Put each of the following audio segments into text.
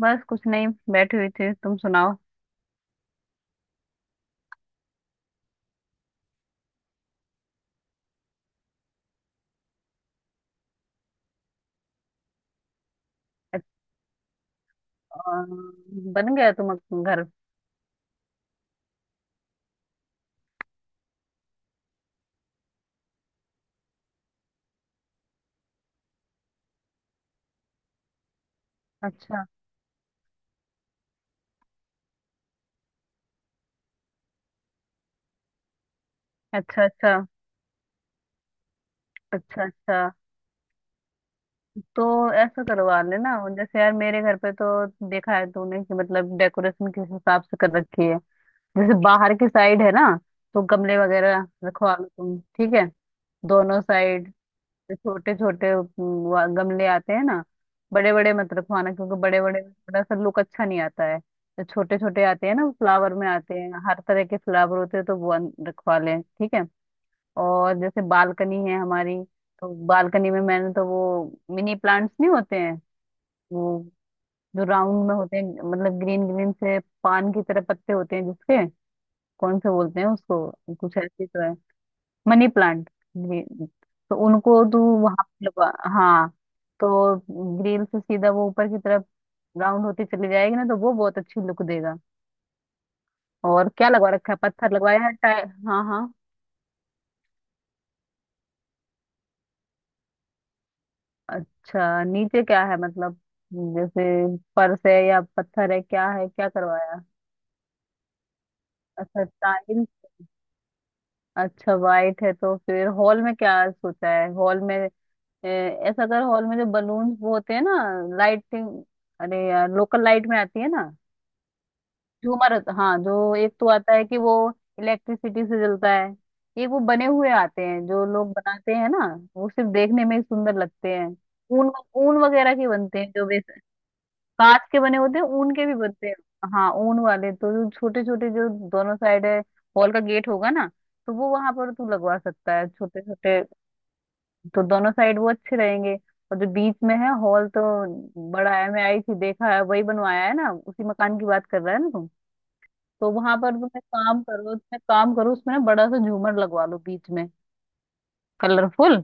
बस कुछ नहीं। बैठी हुई थी, तुम सुनाओ। अच्छा। अ, बन गया तुम्हारा घर? अच्छा अच्छा। अच्छा अच्छा। अच्छा, तो ऐसा करवा लेना जैसे यार मेरे घर पे तो देखा है तूने कि मतलब डेकोरेशन किस हिसाब से कर रखी है। जैसे बाहर की साइड है ना, तो गमले वगैरह रखवा लो तुम, ठीक है। दोनों साइड छोटे छोटे गमले आते हैं ना। बड़े बड़े मत रखवाना क्योंकि बड़े बड़े में थोड़ा सा लुक अच्छा नहीं आता है, तो छोटे छोटे आते हैं ना, फ्लावर में आते हैं, हर तरह के फ्लावर होते हैं, तो वो रखवा लें, ठीक है। और जैसे बालकनी है हमारी, तो बालकनी में मैंने तो वो मिनी प्लांट्स नहीं होते हैं, वो जो राउंड में होते हैं, मतलब ग्रीन ग्रीन से पान की तरह पत्ते होते हैं जिसके, कौन से बोलते हैं उसको, कुछ ऐसे तो है, मनी प्लांट ग्रीन। तो उनको तू वहां पे लगा, हाँ। तो ग्रिल से सीधा वो ऊपर की तरफ राउंड होती चली जाएगी ना, तो वो बहुत अच्छी लुक देगा। और क्या लगवा रखा है, पत्थर लगवाया है टाइ, हाँ हाँ। अच्छा, नीचे क्या है मतलब, जैसे फर्श है या पत्थर है, क्या है, क्या करवाया? अच्छा टाइल। अच्छा वाइट है तो फिर हॉल में क्या सोचा है हॉल में? ए, ऐसा कर, हॉल में जो बलून वो होते हैं ना, लाइटिंग, अरे यार लोकल लाइट में आती है ना। झूमर हाँ, जो एक तो आता है कि वो इलेक्ट्रिसिटी से जलता है, एक वो बने हुए आते हैं जो लोग बनाते हैं ना, वो सिर्फ देखने में ही सुंदर लगते हैं। ऊन, ऊन वगैरह के बनते हैं जो, वैसे कांच के बने होते हैं, ऊन के भी बनते हैं। हाँ ऊन वाले तो जो छोटे छोटे जो दोनों साइड है, हॉल का गेट होगा ना, तो वो वहां पर तू लगवा सकता है छोटे छोटे। तो दोनों साइड वो अच्छे रहेंगे। और जो बीच में है हॉल तो बड़ा है, मैं आई थी देखा है, वही बनवाया है ना, उसी मकान की बात कर रहा है ना तू। तो वहां पर तुम एक काम करो, तुम एक काम करो, उसमें ना बड़ा सा झूमर लगवा लो बीच में, कलरफुल।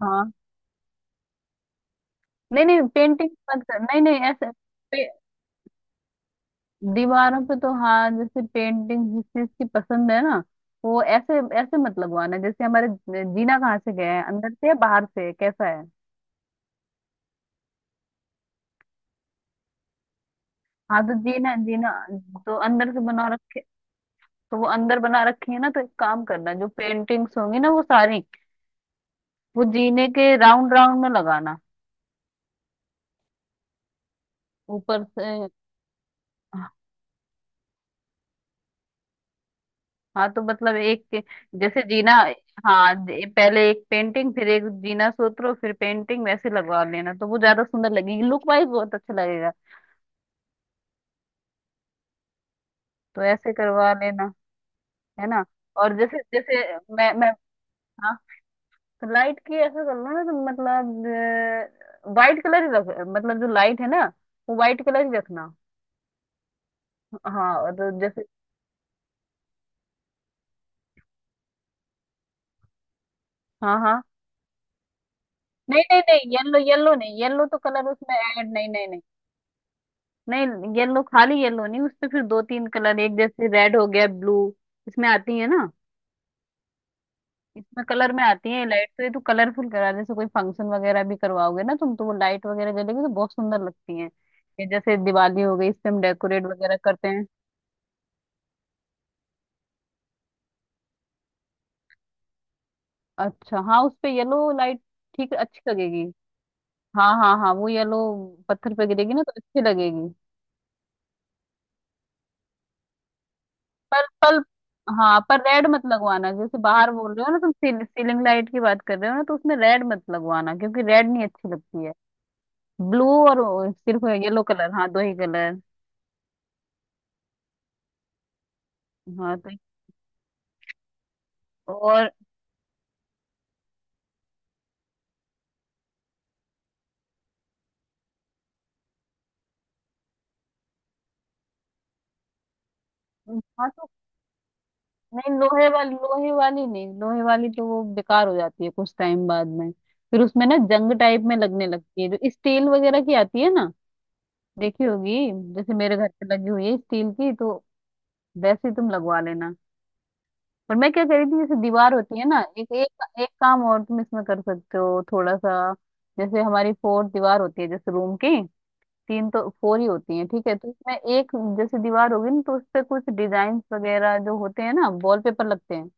हाँ, नहीं नहीं पेंटिंग मत कर, नहीं नहीं, ऐसे पे, दीवारों पे तो हाँ, जैसे पेंटिंग जिस चीज की पसंद है ना, वो ऐसे ऐसे मत लगवाना, जैसे हमारे, जीना कहाँ से गया है, अंदर से या बाहर से, कैसा है? हाँ तो जीना, जीना तो अंदर से बना रखे, तो वो अंदर बना रखी है ना, तो एक काम करना, जो पेंटिंग्स होंगी ना वो सारी वो जीने के राउंड राउंड में लगाना, ऊपर से। हाँ तो मतलब एक, जैसे जीना, हाँ पहले एक पेंटिंग फिर एक जीना सूत्र फिर पेंटिंग, वैसे लगवा लेना, तो वो ज्यादा सुंदर लगेगी, लुक वाइज बहुत अच्छा लगेगा। तो ऐसे करवा लेना। है ना, और जैसे जैसे, मैं, हाँ, तो लाइट की ऐसा कर लो ना, तो मतलब वाइट कलर ही रख, मतलब जो लाइट है ना, वो वाइट कलर ही रखना। हाँ और जैसे, हाँ हाँ, नहीं नहीं नहीं, येलो येलो नहीं, येलो तो कलर उसमें ऐड नहीं, नहीं नहीं। नहीं येलो खाली येलो नहीं, उसपे फिर दो तीन कलर, एक जैसे रेड हो गया, ब्लू, इसमें आती है ना, इसमें कलर में आती है लाइट, तो ये तो कलरफुल करा, जैसे कोई फंक्शन वगैरह भी करवाओगे ना तुम, तो वो लाइट वगैरह जलेगी तो बहुत सुंदर लगती है। ये जैसे दिवाली हो गई, इसपे हम डेकोरेट वगैरह करते हैं। अच्छा, हाँ उसपे येलो लाइट ठीक अच्छी लगेगी। हाँ हाँ हाँ वो येलो, पत्थर पे गिरेगी ना तो अच्छी लगेगी, पर्पल। हाँ पर रेड मत लगवाना, जैसे बाहर बोल रहे हो ना तुम, सील, सीलिंग लाइट की बात कर रहे हो ना, तो उसमें रेड मत लगवाना, क्योंकि रेड नहीं अच्छी लगती है। ब्लू और वो सिर्फ येलो कलर, हाँ दो ही कलर। हाँ तो, और, हाँ तो, नहीं लोहे वाली, लोहे वाली नहीं, लोहे वाली तो वो बेकार हो जाती है कुछ टाइम बाद में, फिर उसमें ना जंग टाइप में लगने लगती है, जो स्टील वगैरह की आती है ना, देखी होगी, जैसे मेरे घर पे लगी हुई है स्टील की, तो वैसे ही तुम लगवा लेना। और मैं क्या कह रही थी, जैसे दीवार होती है ना, एक एक एक काम और तुम इसमें कर सकते हो थोड़ा सा, जैसे हमारी फोर दीवार होती है जैसे रूम की, तीन तो फोर ही होती है ठीक है, तो इसमें एक, जैसे दीवार होगी ना, तो उस पे कुछ डिजाइन वगैरह जो होते हैं ना, वॉलपेपर लगते हैं,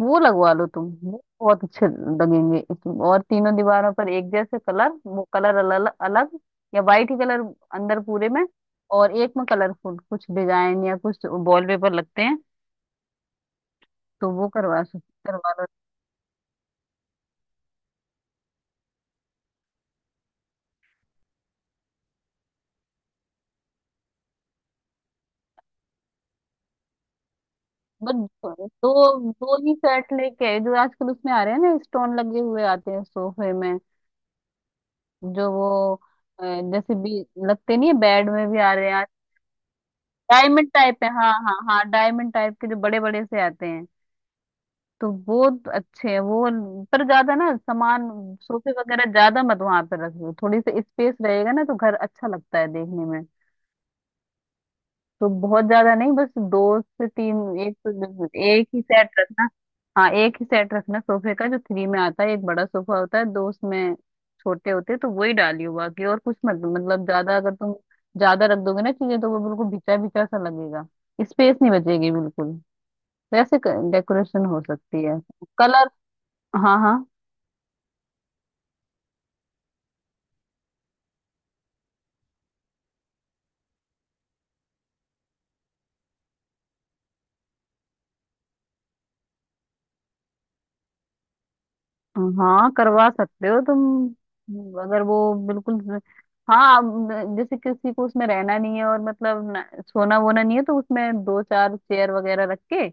वो लगवा लो तुम, वो बहुत अच्छे लगेंगे और तीनों दीवारों पर एक जैसे कलर, वो कलर अलग अलग, या वाइट ही कलर अंदर पूरे में, और एक में कलरफुल कुछ डिजाइन या कुछ वॉलपेपर लगते हैं, तो वो करवा सक, करवा लो। बट दो, दो ही सेट लेके आए, जो आजकल उसमें आ रहे हैं ना, स्टोन लगे हुए आते हैं सोफे में, जो वो जैसे भी, लगते नहीं है, बेड में भी आ रहे हैं। डायमंड टाइप है, हाँ हाँ हाँ, डायमंड टाइप के जो बड़े बड़े से आते हैं, तो वो अच्छे हैं वो। पर ज्यादा ना सामान, सोफे वगैरह ज्यादा मत वहां पर रखियो, थोड़ी सी स्पेस रहेगा ना तो घर अच्छा लगता है देखने में, तो बहुत ज्यादा नहीं, बस दो से तीन, एक तो एक ही सेट रखना, हाँ एक ही सेट रखना सोफे का, जो थ्री में आता है, एक बड़ा सोफा होता है, दो उसमें छोटे होते हैं, तो वही डालियो, बाकी और कुछ मत, मतलब ज्यादा अगर तुम ज्यादा रख दोगे ना चीजें, तो वो बिल्कुल भिचा भिचा सा लगेगा, स्पेस नहीं बचेगी बिल्कुल। वैसे डेकोरेशन हो सकती है। कलर, हाँ हाँ हाँ करवा सकते हो तुम, अगर वो, बिल्कुल, हाँ अब, जैसे किसी को उसमें रहना नहीं है और मतलब सोना वोना नहीं है, तो उसमें दो चार चेयर वगैरह रख के,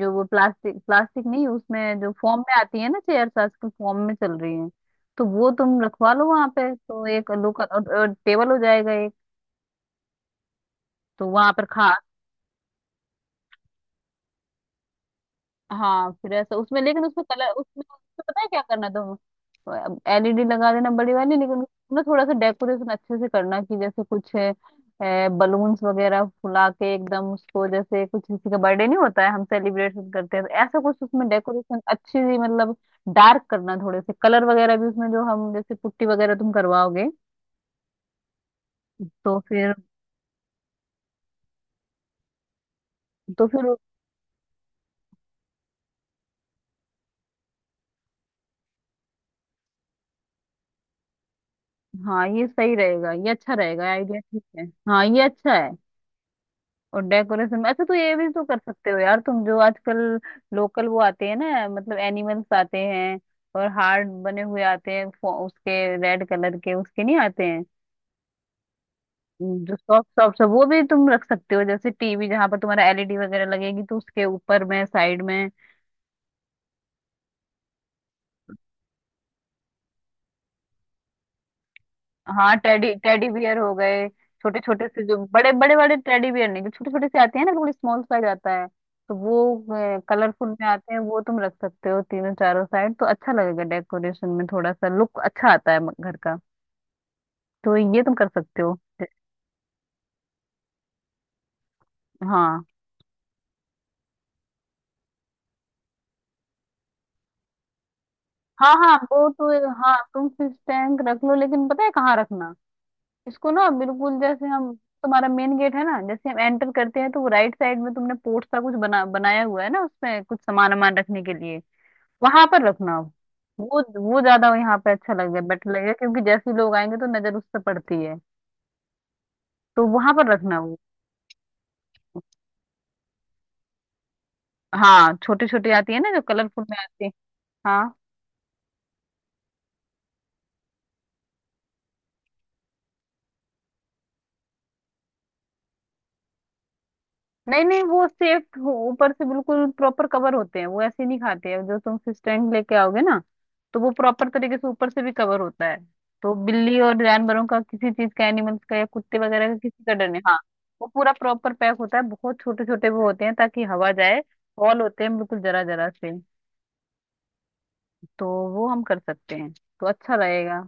जो वो प्लास्टिक, प्लास्टिक नहीं, उसमें जो फॉर्म में आती है ना, चेयर्स आजकल फॉर्म में चल रही हैं, तो वो तुम रखवा लो वहां पे, तो एक लोकल और टेबल हो जाएगा एक। तो वहां पर खा, हाँ फिर ऐसा उसमें, लेकिन उसमें कलर, उसमें उसमें पता है क्या करना, तो एलईडी लगा देना बड़ी वाली, लेकिन उसमें ना थोड़ा सा डेकोरेशन अच्छे से करना कि जैसे कुछ बलून्स वगैरह फुला के एकदम उसको, जैसे कुछ किसी का बर्थडे नहीं होता है हम सेलिब्रेशन करते हैं, तो ऐसा कुछ उसमें डेकोरेशन अच्छी सी मतलब, डार्क करना, थोड़े से कलर वगैरह भी उसमें, जो हम जैसे पुट्टी वगैरह तुम करवाओगे। तो फिर, तो फिर, हाँ ये सही रहेगा, ये अच्छा रहेगा आइडिया, ठीक है हाँ ये अच्छा है। और डेकोरेशन में अच्छा, तो ये भी तो कर सकते हो यार तुम, जो आजकल लोकल वो आते हैं ना, मतलब एनिमल्स आते हैं, और हार्ट बने हुए आते हैं उसके, रेड कलर के उसके नहीं आते हैं, जो सॉफ्ट सॉफ्ट, वो भी तुम रख सकते हो, जैसे टीवी जहां पर तुम्हारा एलईडी वगैरह लगेगी, तो उसके ऊपर में, साइड में। हाँ टेडी, टेडी बियर हो गए, छोटे छोटे से, जो बड़े बड़े बड़े टेडी बियर नहीं, जो छोटे छोटे से आते हैं ना, थोड़ी स्मॉल साइज आता है, तो वो कलरफुल में आते हैं, वो तुम रख सकते हो, तीनों चारों साइड, तो अच्छा लगेगा डेकोरेशन में, थोड़ा सा लुक अच्छा आता है घर का, तो ये तुम कर सकते हो। हाँ हाँ हाँ वो तो, हाँ तुम फिश टैंक रख लो, लेकिन पता है कहाँ रखना इसको ना, बिल्कुल जैसे हम, तुम्हारा मेन गेट है ना, जैसे हम एंटर करते हैं, तो वो राइट साइड में तुमने पोर्ट सा कुछ बना बनाया हुआ है ना, उसमें कुछ सामान वामान रखने के लिए, वहां पर रखना आप। वो ज्यादा यहाँ पे अच्छा लगेगा, बेटर लगेगा, क्योंकि जैसे ही लोग आएंगे तो नजर उस पर पड़ती है, तो वहां पर रखना वो। हाँ छोटी छोटी आती है ना, जो कलरफुल में आती है। हाँ, नहीं नहीं वो सेफ, ऊपर से बिल्कुल प्रॉपर कवर होते हैं वो, ऐसे नहीं खाते हैं, जो तुम स्टैंड लेके आओगे ना, तो वो प्रॉपर तरीके से ऊपर से भी कवर होता है, तो बिल्ली और जानवरों का किसी चीज का, एनिमल्स का, या कुत्ते वगैरह का किसी का डर नहीं, हाँ। वो पूरा प्रॉपर पैक होता है, बहुत छोटे छोटे वो होते हैं ताकि हवा जाए, हॉल होते हैं बिल्कुल जरा जरा से। तो वो हम कर सकते हैं, तो अच्छा रहेगा।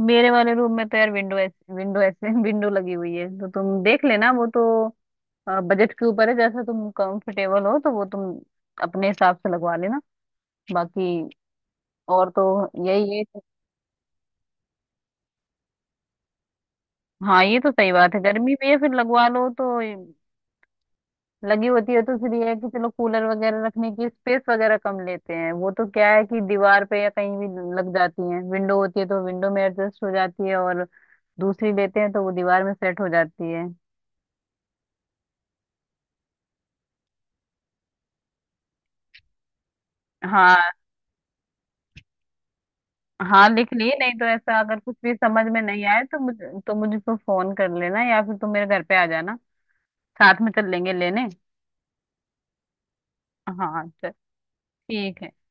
मेरे वाले रूम में तो यार विंडो ऐसे, विंडो ऐसे विंडो लगी हुई है, तो तुम देख लेना वो तो, बजट के ऊपर है, जैसा तुम कंफर्टेबल हो, तो वो तुम अपने हिसाब से लगवा लेना। बाकी और तो यही है। हाँ ये तो सही बात है, गर्मी में फिर लगवा लो तो, लगी होती है तो फिर ये है कि चलो कूलर वगैरह रखने की स्पेस वगैरह कम लेते हैं, वो तो क्या है कि दीवार पे या कहीं भी लग जाती है, विंडो होती है तो विंडो में एडजस्ट हो जाती है, और दूसरी लेते हैं तो वो दीवार में सेट हो जाती है। हाँ, हाँ लिख ली, नहीं तो ऐसा अगर कुछ भी समझ में नहीं आए तो मुझे, तो मुझको फोन कर लेना, या फिर तुम मेरे घर पे आ जाना, साथ में चल लेंगे लेने। हाँ चल, ठीक है।